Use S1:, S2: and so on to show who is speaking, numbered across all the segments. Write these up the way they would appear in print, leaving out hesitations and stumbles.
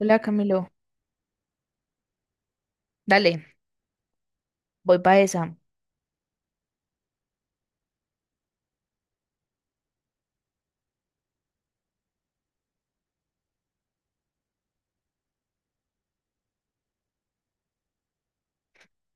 S1: Hola Camilo, dale, voy para esa.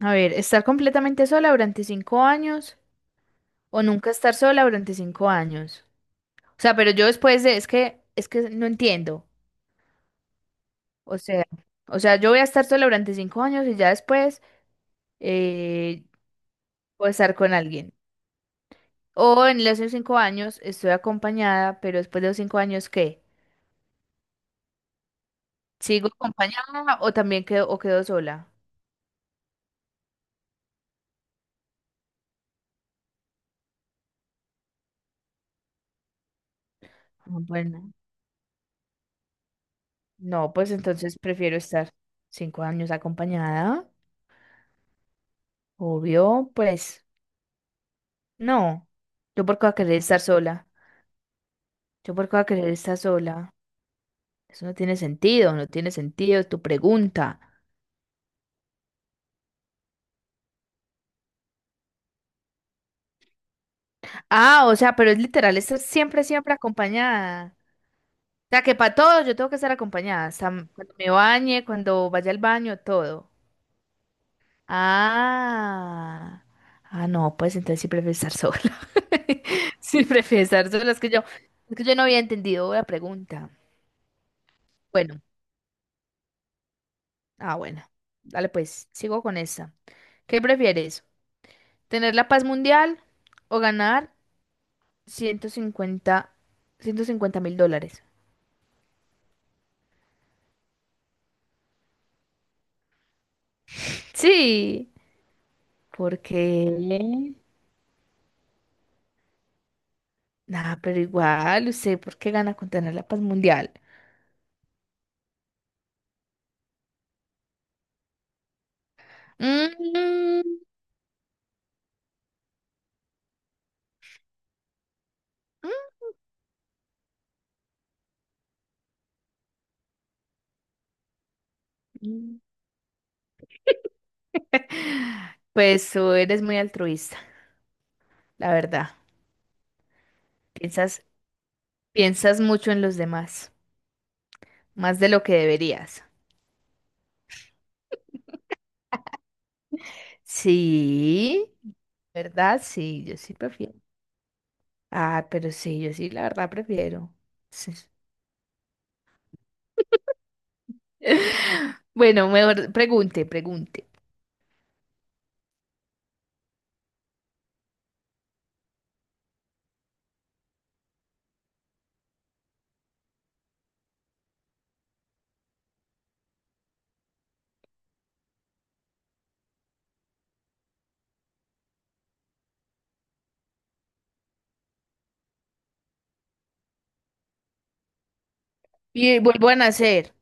S1: A ver, ¿estar completamente sola durante 5 años o nunca estar sola durante 5 años? O sea, pero yo después de, es que no entiendo. O sea, o sea, yo voy a estar sola durante 5 años y ya después eh, voy estar con alguien. O en los 5 años estoy acompañada, pero después de los 5 años, ¿qué? ¿Sigo acompañada o también quedo, o quedo sola? Ah, bueno, no, pues entonces prefiero estar 5 años acompañada. Obvio, pues, no. Yo por qué voy a querer estar sola. Yo por qué voy a querer estar sola. Eso no tiene sentido, no tiene sentido tu pregunta. Ah, o sea, pero es literal, estar siempre, siempre acompañada. O sea, que para todo yo tengo que estar acompañada. Hasta cuando me bañe, cuando vaya al baño, todo. Ah. Ah, no, pues entonces sí prefiero estar sola. Sí prefiero estar sola. Es que yo no había entendido la pregunta. Bueno. Ah, bueno. Dale, pues, sigo con esta. ¿Qué prefieres? ¿Tener la paz mundial o ganar $150,000? Sí, porque... Nah, pero igual, usted, ¿por qué gana con tener la paz mundial? Mm, mm. Pues tú eres muy altruista, la verdad. Piensas, piensas mucho en los demás, más de lo que deberías. Sí, ¿verdad? Sí, yo sí prefiero. Ah, pero sí, yo sí, la verdad prefiero. Sí. Bueno, mejor pregunte, pregunte. Y vuelvo a nacer.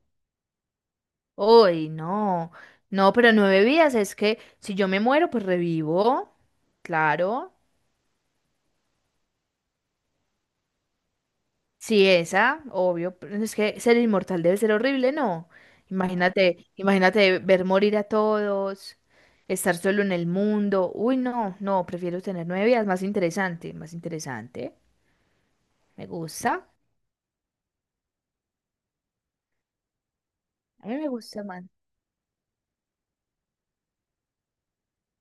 S1: Uy, no. No, pero nueve vidas es que si yo me muero, pues revivo. Claro. Sí, esa, obvio, pero es que ser inmortal debe ser horrible, ¿no? Imagínate, imagínate ver morir a todos, estar solo en el mundo. Uy, no, no, prefiero tener nueve vidas, más interesante, más interesante. Me gusta. A mí me gusta más.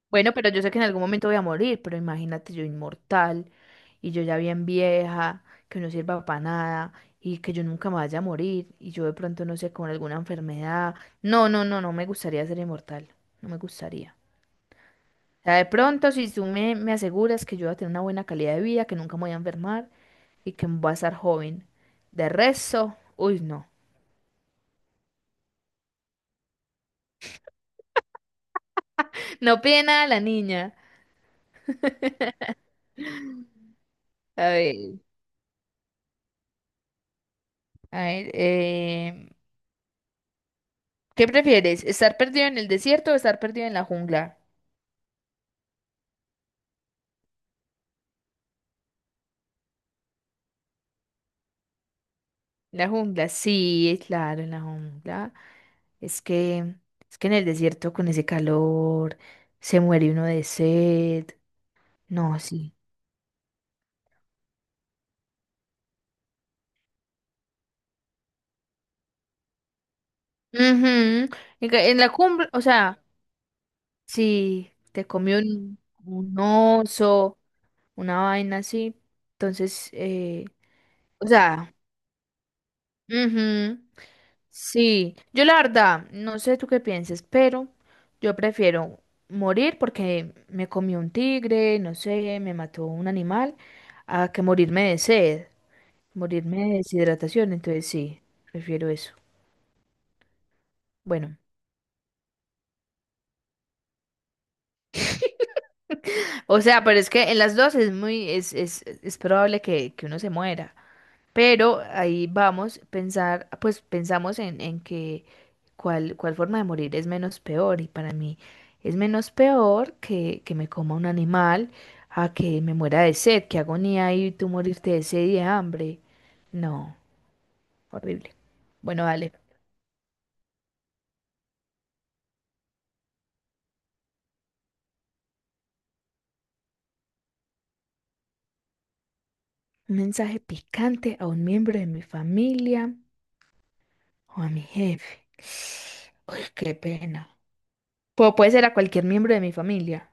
S1: Bueno, pero yo sé que en algún momento voy a morir, pero imagínate yo inmortal y yo ya bien vieja, que no sirva para nada y que yo nunca me vaya a morir y yo de pronto no sé, con alguna enfermedad. No, no, no, no me gustaría ser inmortal, no me gustaría. O sea, de pronto si tú me aseguras que yo voy a tener una buena calidad de vida, que nunca me voy a enfermar y que voy a estar joven. De resto, uy, no. No pide nada la niña. A ver, a ver, ¿qué prefieres? ¿Estar perdido en el desierto o estar perdido en la jungla? La jungla, sí, claro, en la jungla. Es que, es que en el desierto con ese calor se muere uno de sed. No, sí. Ujú. En en la cumbre, o sea, si te comió un oso, una vaina así, entonces, o sea, ujú. Sí, yo la verdad, no sé tú qué pienses, pero yo prefiero morir porque me comió un tigre, no sé, me mató un animal, a que morirme de sed, morirme de deshidratación, entonces sí, prefiero eso. Bueno, o sea, pero es que en las dos es muy, es probable que uno se muera, pero ahí vamos, pensar, pues pensamos en que cuál forma de morir es menos peor. Y para mí es menos peor que me coma un animal a que me muera de sed, qué agonía y tú morirte de sed y de hambre. No, horrible. Bueno, dale. Un mensaje picante a un miembro de mi familia o a mi jefe. Uy, qué pena. Puede ser a cualquier miembro de mi familia.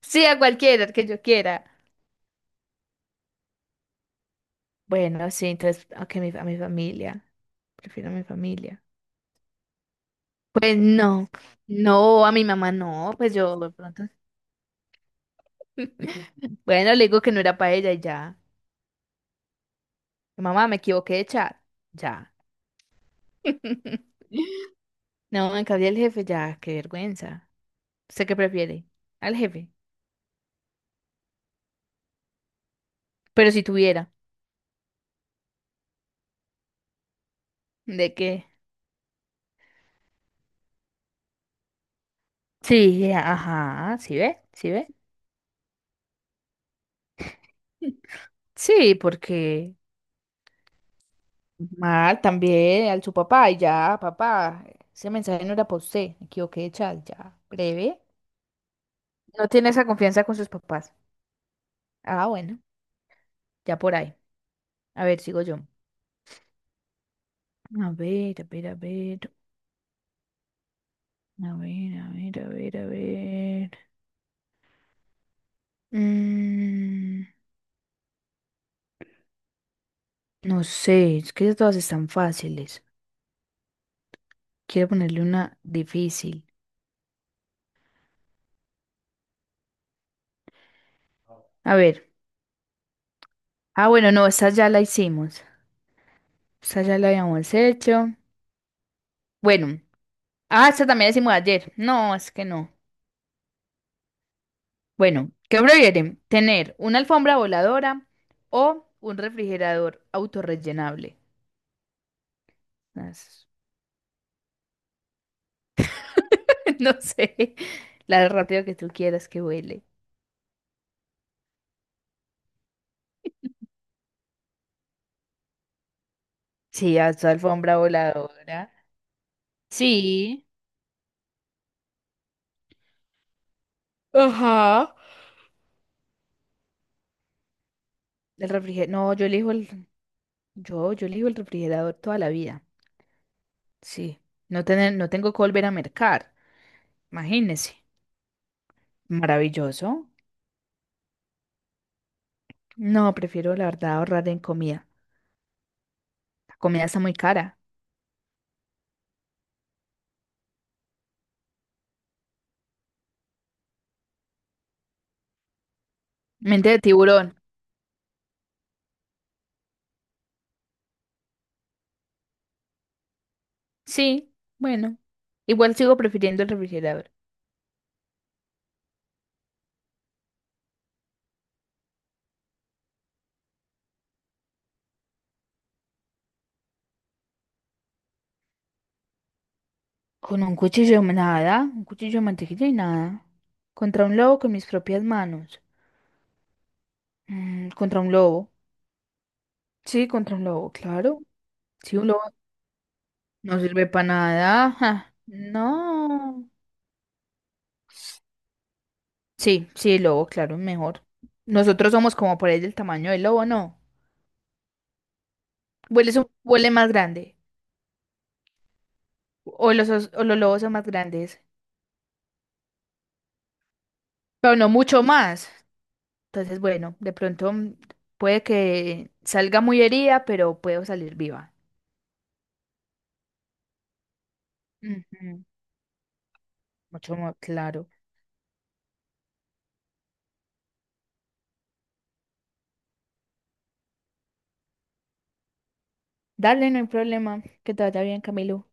S1: Sí, a cualquiera que yo quiera. Bueno, sí, entonces, ok, a mi familia. Prefiero a mi familia. Pues no, no, a mi mamá no, pues yo de pronto. Bueno, le digo que no era para ella y ya. Mamá, me equivoqué de chat. Ya. No, en cambio el jefe, ya, qué vergüenza. ¿Usted qué prefiere? Al jefe. Pero si tuviera, ¿de qué? Sí, ajá, ¿sí ve? ¿Sí ve? Sí, porque mal también al su papá y ya, papá, ese mensaje no era para usted, me equivoqué de chat, ya, breve. No tiene esa confianza con sus papás. Ah, bueno, ya por ahí. A ver, sigo yo. A ver, a ver, a ver. A ver, a ver, a ver, a ver. Mm, no sé, es que todas están fáciles. Quiero ponerle una difícil. A ver. Ah, bueno, no, esta ya la hicimos. Esta ya la habíamos hecho. Bueno. Ah, esta también la hicimos ayer. No, es que no. Bueno, ¿qué prefieren? ¿Tener una alfombra voladora o un refrigerador autorrellenable? As- No sé, la rápido que tú quieras que huele. Sí, a tu alfombra voladora. Sí. Ajá. El refrigerador. No, yo elijo el. Yo elijo el refrigerador toda la vida. Sí. No tengo que volver a mercar. Imagínese. Maravilloso. No, prefiero la verdad ahorrar en comida. La comida está muy cara. Mente de tiburón. Sí, bueno. Igual sigo prefiriendo el refrigerador. Con un cuchillo, nada, un cuchillo de mantequilla y nada. Contra un lobo con mis propias manos. Contra un lobo. Sí, contra un lobo, claro. Sí, un lobo no sirve para nada. Ja, No. Sí, sí, el lobo, claro, mejor. Nosotros somos como por ahí del tamaño del lobo, ¿no? Huele más grande. O los lobos son más grandes. Pero no mucho más. Entonces, bueno, de pronto puede que salga muy herida, pero puedo salir viva. Ujú. Mucho más claro. Dale, no hay problema. Que te vaya bien, Camilo.